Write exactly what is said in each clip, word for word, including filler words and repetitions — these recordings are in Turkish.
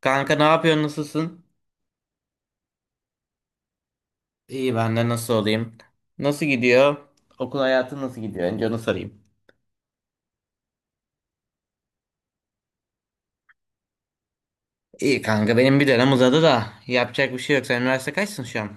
Kanka ne yapıyorsun? Nasılsın? İyi ben de nasıl olayım? Nasıl gidiyor? Okul hayatı nasıl gidiyor? Önce onu sorayım. İyi kanka benim bir dönem uzadı da yapacak bir şey yok. Sen üniversite kaçsın şu an?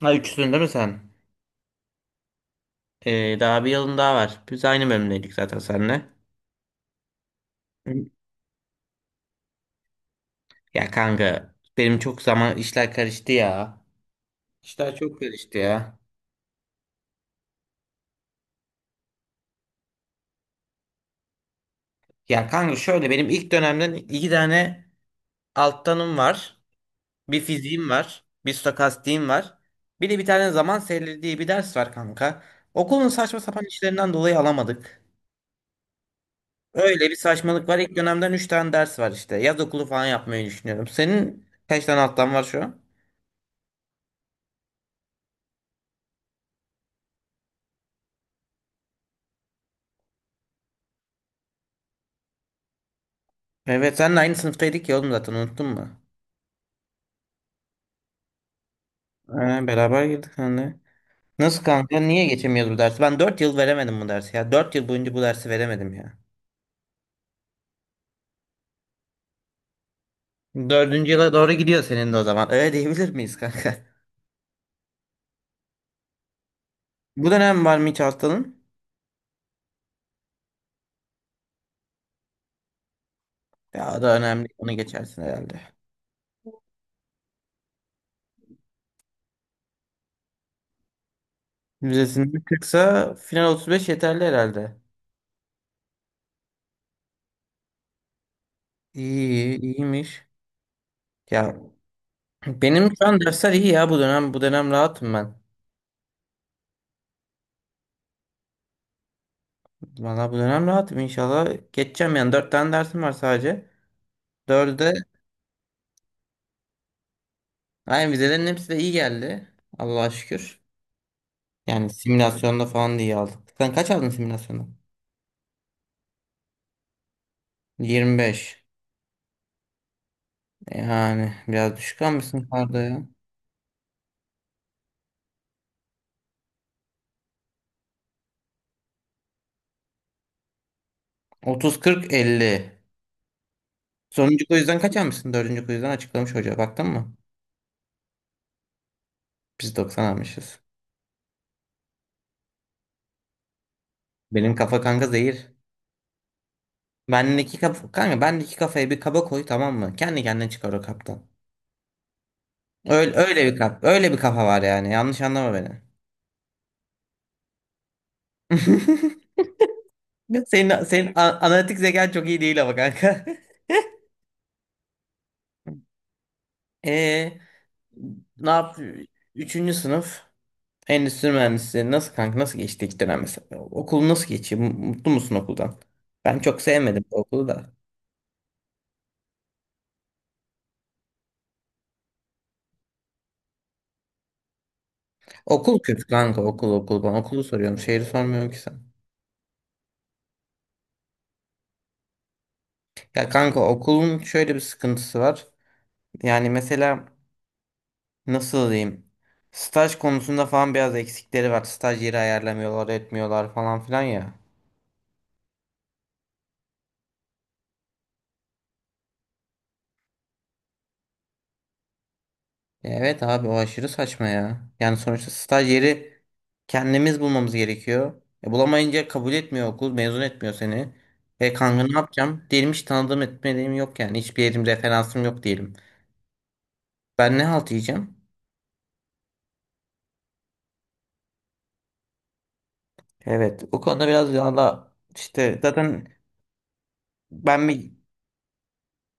Ha üçsün değil mi sen? Ee, daha bir yılın daha var. Biz aynı bölümdeydik zaten seninle. Hı. Ya kanka benim çok zaman işler karıştı ya. İşler çok karıştı ya. Ya kanka şöyle benim ilk dönemden iki tane alttanım var. Bir fiziğim var. Bir stokastiğim var. Bir de bir tane zaman serileri diye bir ders var kanka. Okulun saçma sapan işlerinden dolayı alamadık. Öyle bir saçmalık var. İlk dönemden üç tane ders var işte. Yaz okulu falan yapmayı düşünüyorum. Senin kaç tane alttan var şu an? Evet senle aynı sınıftaydık ya oğlum zaten unuttun mu? Ee, beraber girdik hani. Nasıl kanka? Niye geçemiyoruz bu dersi? Ben dört yıl veremedim bu dersi ya. Dört yıl boyunca bu dersi veremedim ya. Dördüncü yıla doğru gidiyor senin de o zaman. Öyle diyebilir miyiz kanka? Bu dönem var mı hiç hastalığın? Ya o da önemli. Onu geçersin herhalde. Vizesinde kırksa final otuz beş yeterli herhalde. İyi, iyiymiş. Ya benim şu an dersler iyi ya bu dönem. Bu dönem rahatım ben. Valla bu dönem rahatım inşallah. Geçeceğim yani. Dört tane dersim var sadece. dördü de aynen vizelerin hepsi de iyi geldi. Allah'a şükür. Yani simülasyonda falan da iyi aldık. Sen kaç aldın simülasyonda? yirmi beş. Yani biraz düşük almışsın karda ya. otuz, kırk, elli. Sonuncu quizden kaç almışsın? Dördüncü quizden açıklamış hoca. Baktın mı? Biz doksan almışız. Benim kafa kanka zehir. Bendeki kafa kanka bendeki kafaya bir kaba koy tamam mı? Kendi kendine çıkar o kaptan. Öyle öyle bir kap öyle bir kafa var yani. Yanlış anlama beni. Ya Senin senin a- analitik zekan çok iyi değil ama kanka. Ee, ne yap? Üçüncü sınıf endüstri mühendisliği nasıl kanka nasıl geçti ilk dönem mesela? Okul nasıl geçiyor? Mutlu musun okuldan? Ben çok sevmedim bu okulu da. Okul kötü kanka okul okul. Ben okulu soruyorum. Şehri sormuyorum ki sen. Ya kanka okulun şöyle bir sıkıntısı var. Yani mesela nasıl diyeyim? Staj konusunda falan biraz eksikleri var. Staj yeri ayarlamıyorlar, etmiyorlar falan filan ya. Evet abi o aşırı saçma ya. Yani sonuçta staj yeri kendimiz bulmamız gerekiyor. E, bulamayınca kabul etmiyor okul, mezun etmiyor seni. E kanka ne yapacağım? Diyelim hiç tanıdığım etmediğim yok yani. Hiçbir yerim referansım yok diyelim. Ben ne halt yiyeceğim? Evet, o konuda biraz valla işte zaten ben bir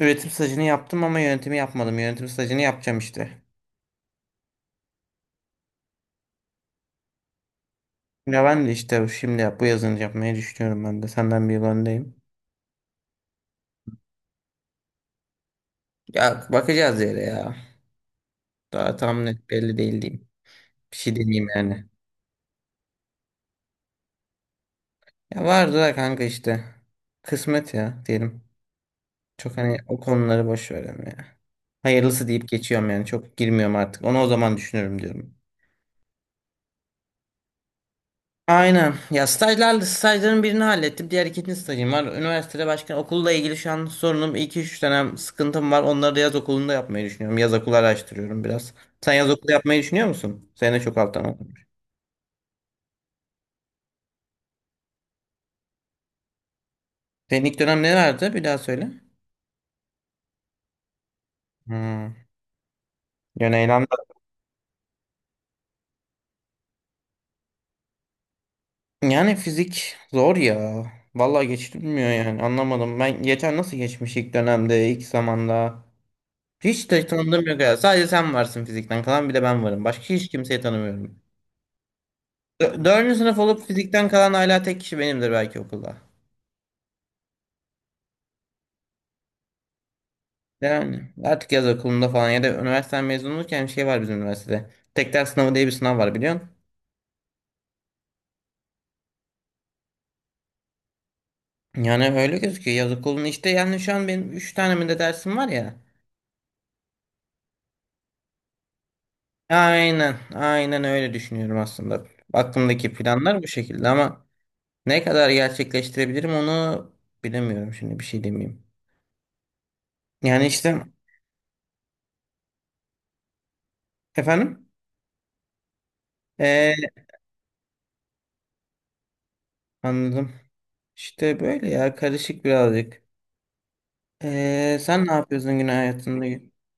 üretim stajını yaptım ama yönetimi yapmadım. Yönetim stajını yapacağım işte. Ya ben de işte şimdi yap, bu yazın yapmayı düşünüyorum ben de. Senden bir yıl öndeyim. Ya bakacağız yere ya. Daha tam net belli değil diyeyim. Bir şey deneyeyim yani. Ya vardı da kanka işte. Kısmet ya diyelim. Çok hani o konuları boş verelim ya. Hayırlısı deyip geçiyorum yani. Çok girmiyorum artık. Onu o zaman düşünürüm diyorum. Aynen. Ya stajlar, stajların birini hallettim. Diğer ikinci stajım var. Üniversitede başka okulla ilgili şu an sorunum. İki üç dönem sıkıntım var. Onları da yaz okulunda yapmayı düşünüyorum. Yaz okulu araştırıyorum biraz. Sen yaz okulu yapmayı düşünüyor musun? Senin de çok alttan okumuş. Senin ilk dönem nelerdi? Bir daha söyle. Hmm. Yani eylem- Yani fizik zor ya. Vallahi geçilmiyor yani. Anlamadım. Ben geçen nasıl geçmiş ilk dönemde, ilk zamanda. Hiç de tanıdığım yok ya. Sadece sen varsın fizikten kalan bir de ben varım. Başka hiç kimseyi tanımıyorum. Dö- Dördüncü sınıf olup fizikten kalan hala tek kişi benimdir belki okulda. Yani artık yaz okulunda falan ya da üniversiteden mezun olurken bir şey var bizim üniversitede. Tek ders sınavı diye bir sınav var biliyorsun. Yani öyle gözüküyor yaz okulun işte yani şu an benim üç tane mi de dersim var ya. Aynen aynen öyle düşünüyorum aslında. Aklımdaki planlar bu şekilde ama ne kadar gerçekleştirebilirim onu bilemiyorum şimdi bir şey demeyeyim. Yani işte efendim. Ee, anladım. İşte böyle ya karışık birazcık. Ee, sen ne yapıyorsun gün hayatında?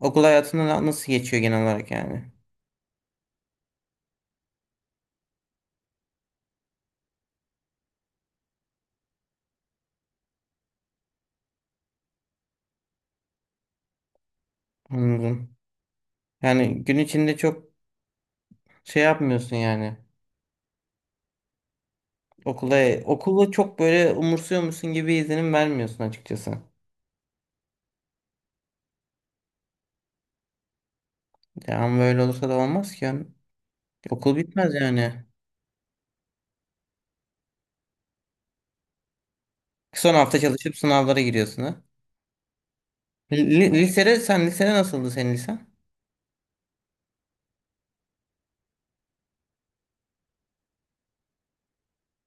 Okul hayatında na- nasıl geçiyor genel olarak yani? Anladım. Yani gün içinde çok şey yapmıyorsun yani. Okula, okulu çok böyle umursuyor musun gibi izlenim vermiyorsun açıkçası. Ya ama böyle olursa da olmaz ki. Yani. Okul bitmez yani. Son hafta çalışıp sınavlara giriyorsun ha. Li- li- lisede sen lisede nasıldı senin lisen?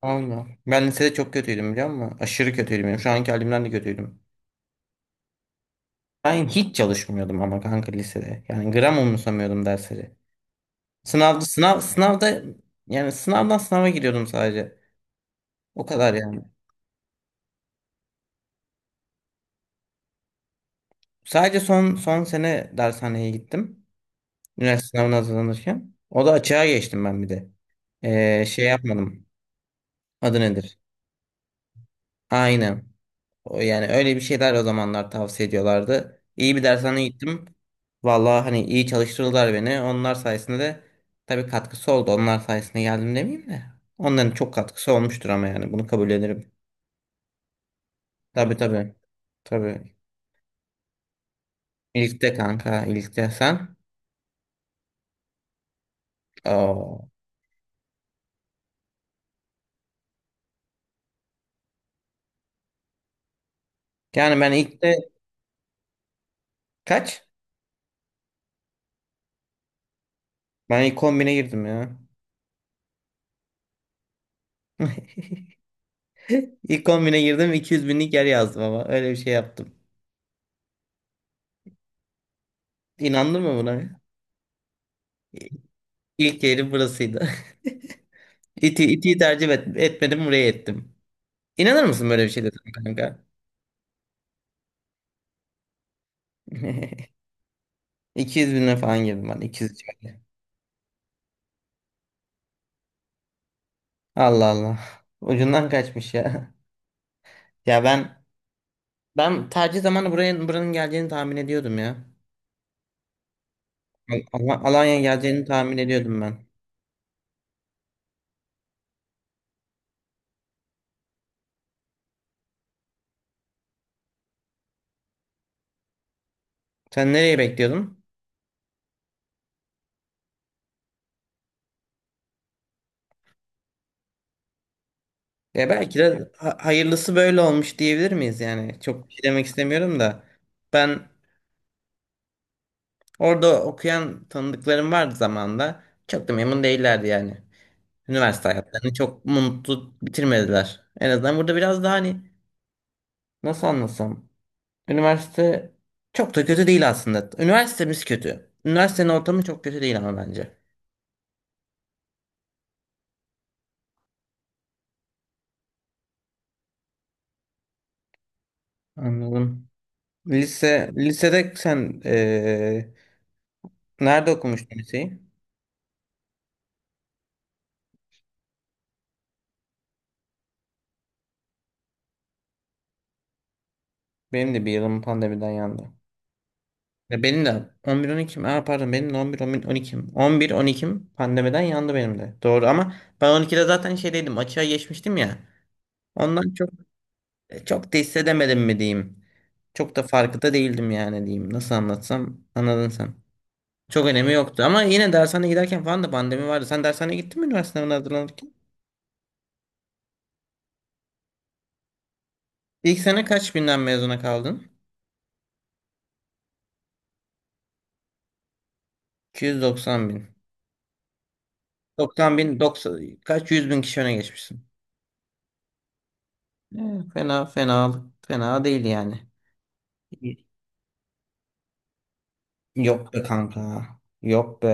Allah. Ben lisede çok kötüydüm biliyor musun? Aşırı kötüydüm. Yani şu anki halimden de kötüydüm. Ben hiç çalışmıyordum ama kanka lisede. Yani gram umursamıyordum dersleri. Sınavda sınav sınavda yani sınavdan sınava giriyordum sadece. O kadar yani. Sadece son son sene dershaneye gittim. Üniversite sınavına hazırlanırken. O da açığa geçtim ben bir de. Ee, şey yapmadım. Adı nedir? Aynen. O yani öyle bir şeyler o zamanlar tavsiye ediyorlardı. İyi bir dershane gittim. Vallahi hani iyi çalıştırdılar beni. Onlar sayesinde de tabii katkısı oldu. Onlar sayesinde geldim demeyeyim de. Onların çok katkısı olmuştur ama yani bunu kabul ederim. Tabii tabii. Tabii. İlkte kanka, ilkte sen. Oo. Yani ben ilkte kaç? Ben ilk kombine girdim ya. İlk kombine girdim iki yüz binlik yer yazdım ama öyle bir şey yaptım. İnandın mı buna? İlk yerim burasıydı. İti, itiyi tercih et, etmedim buraya ettim. İnanır mısın böyle bir şey dedim kanka? iki yüz bine falan girdim ben iki yüz civarı. Allah Allah. Ucundan kaçmış ya. Ya ben ben tercih zamanı buraya buranın geleceğini tahmin ediyordum ya. Al- Al- Alanya'ya geleceğini tahmin ediyordum ben. Sen nereye bekliyordun? Ya belki de ha- hayırlısı böyle olmuş diyebilir miyiz yani? Çok bir şey demek istemiyorum da. Ben orada okuyan tanıdıklarım vardı zamanında. Çok da memnun değillerdi yani. Üniversite hayatlarını çok mutlu bitirmediler. En azından burada biraz daha hani nasıl anlatsam. Üniversite çok da kötü değil aslında. Üniversitemiz kötü. Üniversitenin ortamı çok kötü değil ama bence. Anladım. Lise, lisede sen eee, nerede okumuştun liseyi? Benim de bir yılım pandemiden yandı. Ya benim de on bir on ikim. Aa, pardon benim de on bir on ikim. on bir on ikim pandemiden yandı benim de. Doğru ama ben on ikide zaten şeydeydim açığa geçmiştim ya. Ondan çok E, Çok da hissedemedim mi diyeyim. Çok da farkında değildim yani diyeyim. Nasıl anlatsam anladın sen. Çok önemi yoktu ama yine dershaneye giderken falan da pandemi vardı. Sen dershaneye gittin mi üniversite sınavına hazırlanırken? İlk sene kaç binden mezuna kaldın? iki yüz doksan bin. doksan bin, doksan, kaç yüz bin kişi öne geçmişsin. E, fena fena fena değil yani. Yok be kanka. Yok be.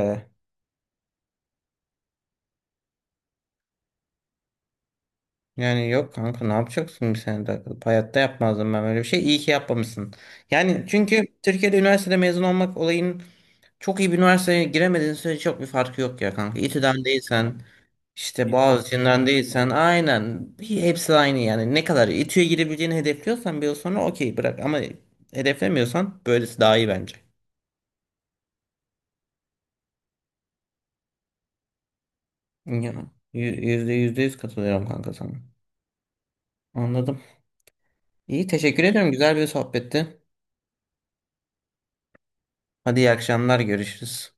Yani yok kanka ne yapacaksın bir sene takılıp hayatta yapmazdım ben böyle bir şey. İyi ki yapmamışsın. Yani çünkü Türkiye'de üniversitede mezun olmak olayın çok iyi bir üniversiteye giremediğin sürece çok bir farkı yok ya kanka. İTÜ'den değilsen işte Boğaziçi'nden İTÜ'den değilsen aynen hepsi aynı yani. Ne kadar İTÜ'ye girebileceğini hedefliyorsan bir yıl sonra okey bırak ama hedeflemiyorsan böylesi daha iyi bence. Ya, yü- yüzde yüzde yüz katılıyorum kanka sana. Anladım. İyi teşekkür ediyorum. Güzel bir sohbetti. Hadi iyi akşamlar görüşürüz.